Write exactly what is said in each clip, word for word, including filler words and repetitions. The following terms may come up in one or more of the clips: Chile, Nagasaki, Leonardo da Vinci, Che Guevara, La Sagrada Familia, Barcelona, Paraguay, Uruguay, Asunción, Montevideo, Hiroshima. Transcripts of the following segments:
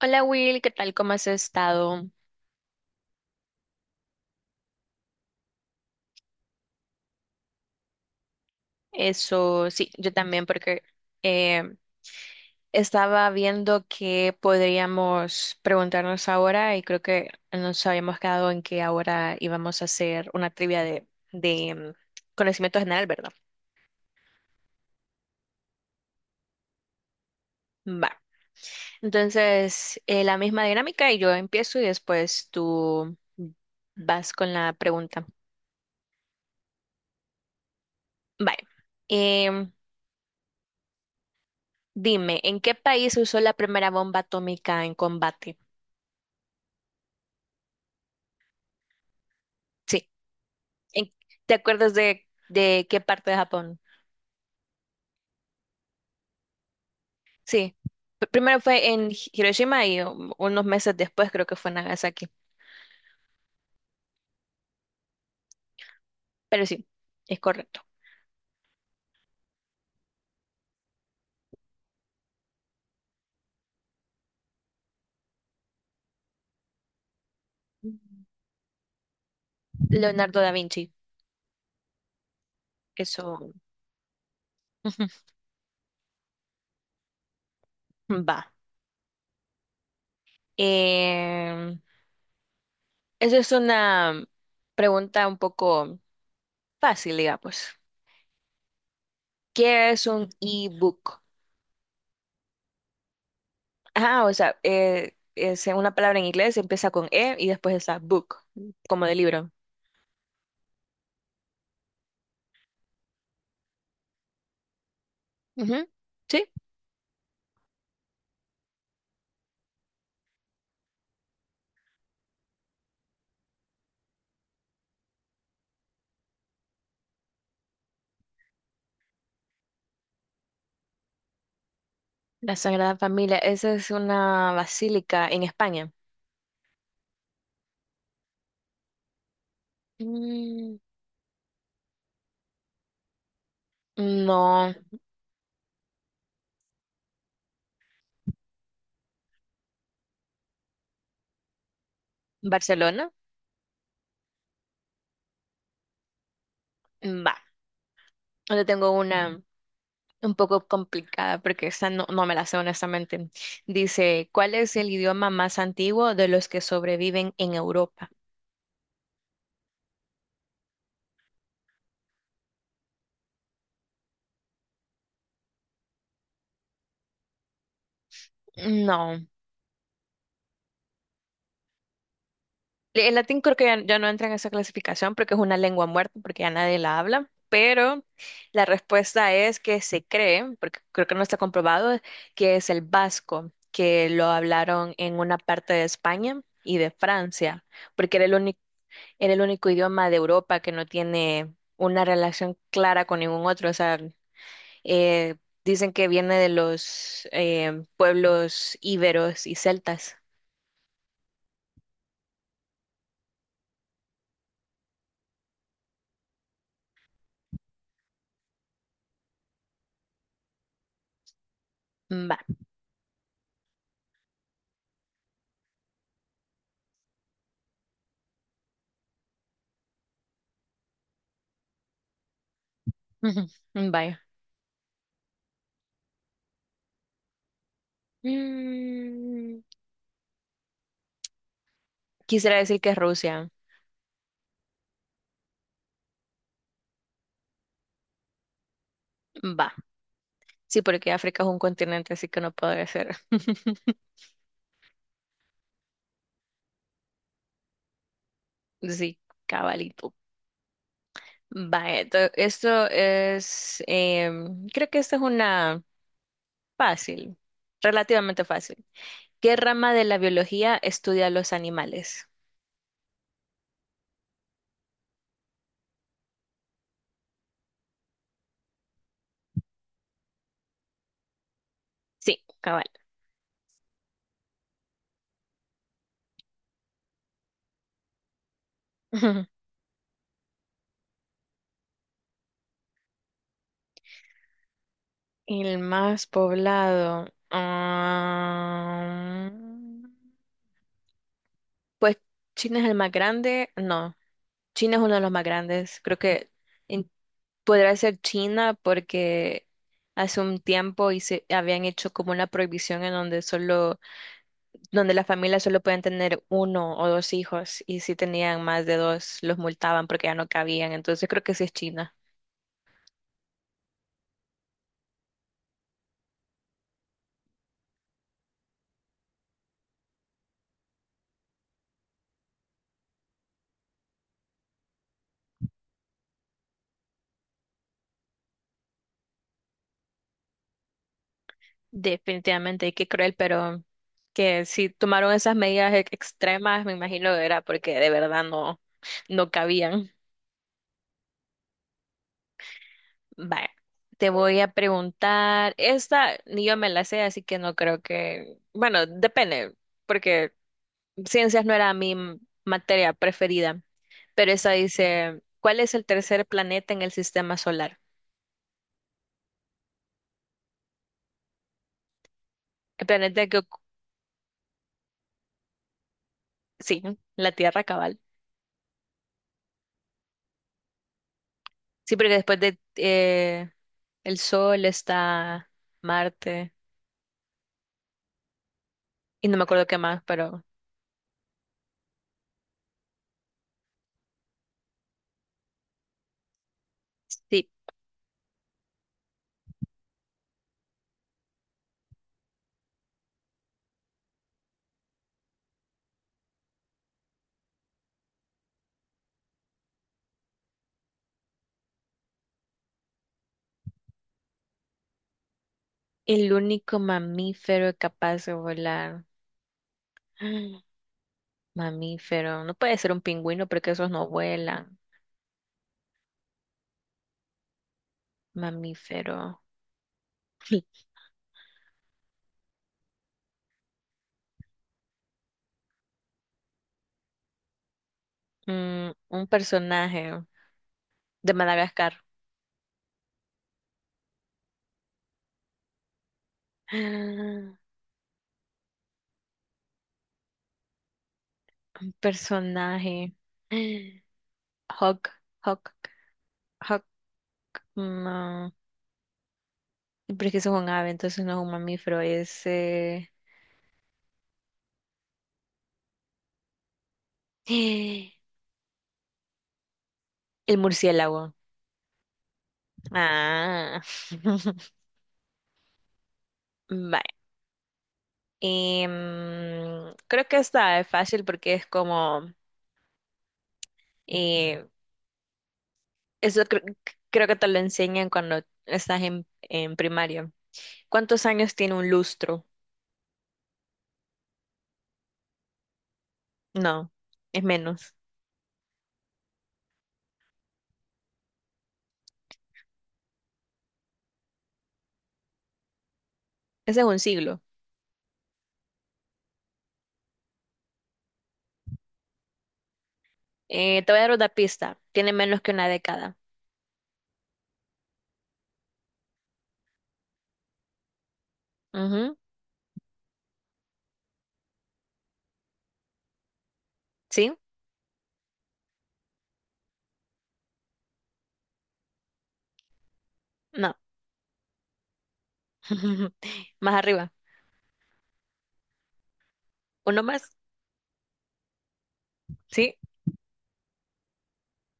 Hola Will, ¿qué tal? ¿Cómo has estado? Eso, sí, yo también porque eh, estaba viendo qué podríamos preguntarnos ahora y creo que nos habíamos quedado en que ahora íbamos a hacer una trivia de, de mm, conocimiento general, ¿verdad? Va. Entonces, eh, la misma dinámica y yo empiezo y después tú vas con la pregunta. Vale. Em, Dime, ¿en qué país usó la primera bomba atómica en combate? Sí. En- ¿Te acuerdas de, de qué parte de Japón? Sí. P- Primero fue en Hi- Hiroshima y um, unos meses después creo que fue en Nagasaki. Pero sí, es correcto. Mm. Leonardo da Vinci. Eso. Ujú, va. Eh, Eso es una pregunta un poco fácil, digamos. ¿Qué es un e-book? Ah, o sea, eh, es una palabra en inglés, empieza con E y después está book, como de libro. Ujú. Sí. La Sagrada Familia, esa es una basílica en España. Mm, no. Barcelona, va. Yo tengo una un poco complicada porque esa no, no me la sé honestamente. Dice, ¿cuál es el idioma más antiguo de los que sobreviven en Europa? No. El latín creo que ya, ya no entra en esa clasificación porque es una lengua muerta, porque ya nadie la habla, pero la respuesta es que se cree, porque creo que no está comprobado, que es el vasco, que lo hablaron en una parte de España y de Francia, porque era el único, era el único idioma de Europa que no tiene una relación clara con ningún otro. O sea, eh, dicen que viene de los eh, pueblos íberos y celtas. Va. Vaya. Mm, quisiera decir que es Rusia. Va. Sí, porque África es un continente, así que no podría ser. Sí, cabalito. Va, esto, esto es, em, creo que esta es una fácil, relativamente fácil. ¿Qué rama de la biología estudia los animales? Sí, cabal. El más poblado. Ah, pues China es el más grande. No, China es uno de los más grandes. Creo que en... Podría ser China porque hace un tiempo hice- habían hecho como una prohibición en donde solo, donde las familias solo pueden tener uno o dos hijos y si tenían más de dos los multaban porque ya no cabían. Entonces creo que sí es China. Definitivamente, y qué cruel, pero que si tomaron esas medidas ex- extremas, me imagino que era porque de verdad no, no cabían. Vaya, te voy a preguntar, esta ni yo me la sé, así que no creo que, bueno, depende, porque Ciencias no era mi m- materia preferida, pero esa dice, ¿cuál es el tercer planeta en el sistema solar? El planeta que... ocu-. Sí, la Tierra cabal. Sí, porque después de eh, el Sol está Marte y no me acuerdo qué más, pero sí, el único mamífero capaz de volar. Mamífero, no puede ser un pingüino porque esos no vuelan. Mamífero. Mm, un personaje de Madagascar. Un personaje. Hawk, Hawk, Hawk. No. Pero es que eso es un ave, entonces no es un mamífero, es eh, el murciélago. Ah. Vale. Em, creo que esta es fácil porque es como... eh, eso cre- creo que te lo enseñan cuando estás en, en primaria. ¿Cuántos años tiene un lustro? No, es menos. Ese es un siglo. Eh, te voy a dar una pista. Tiene menos que una década. Ujú. ¿Sí? No. Más arriba. ¿Uno más? Sí,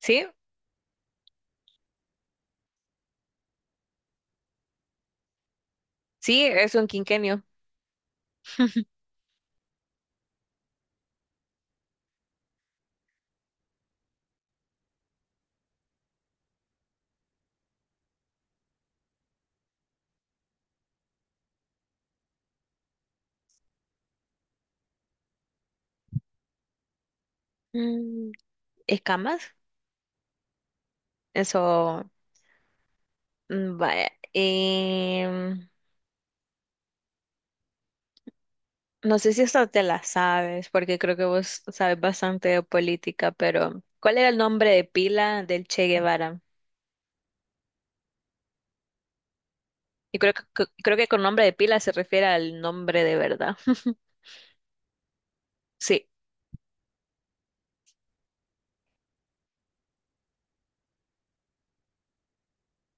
sí, sí, es un quinquenio. Mm, ¿escamas? Eso, mm, vaya. Em, no sé si esta te la sabes, porque creo que vos sabes bastante de política, pero ¿cuál era el nombre de pila del Che Guevara? Y creo que, que- creo que con nombre de pila se refiere al nombre de verdad. Sí.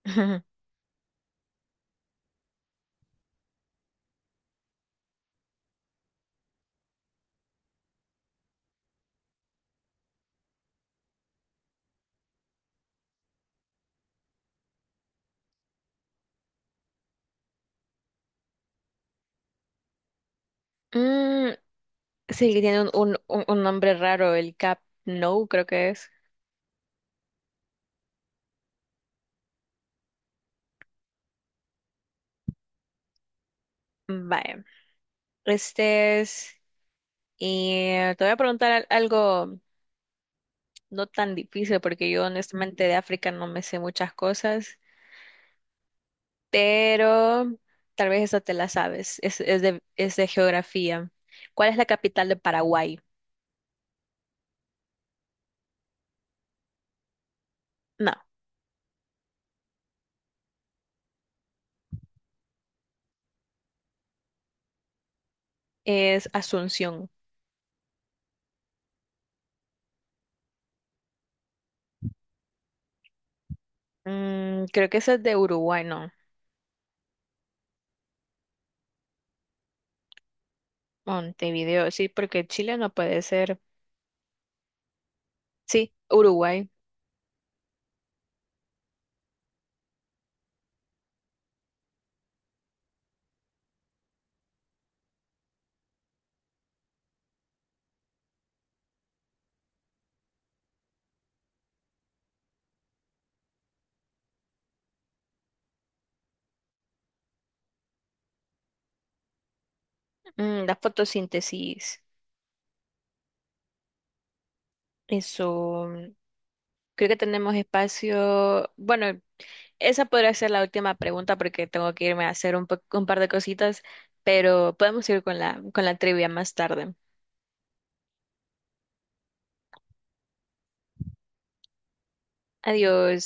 Mm, sí, que tiene un, un, un- un nombre raro, el Cap... No, creo que es... Vaya, este es... Y te voy a preguntar al- algo no tan difícil, porque yo honestamente de África no me sé muchas cosas, pero tal vez esta te la sabes, es, es de, es de geografía. ¿Cuál es la capital de Paraguay? No, es Asunción. Mm, creo que esa es de Uruguay, no. Montevideo, sí, porque Chile no puede ser. Sí, Uruguay. Mm, la fotosíntesis. Eso, mm, creo que tenemos espacio. Bueno, esa podría ser la última pregunta porque tengo que irme a hacer un, po- un par de cositas, pero podemos ir con la, con la trivia más tarde. Adiós.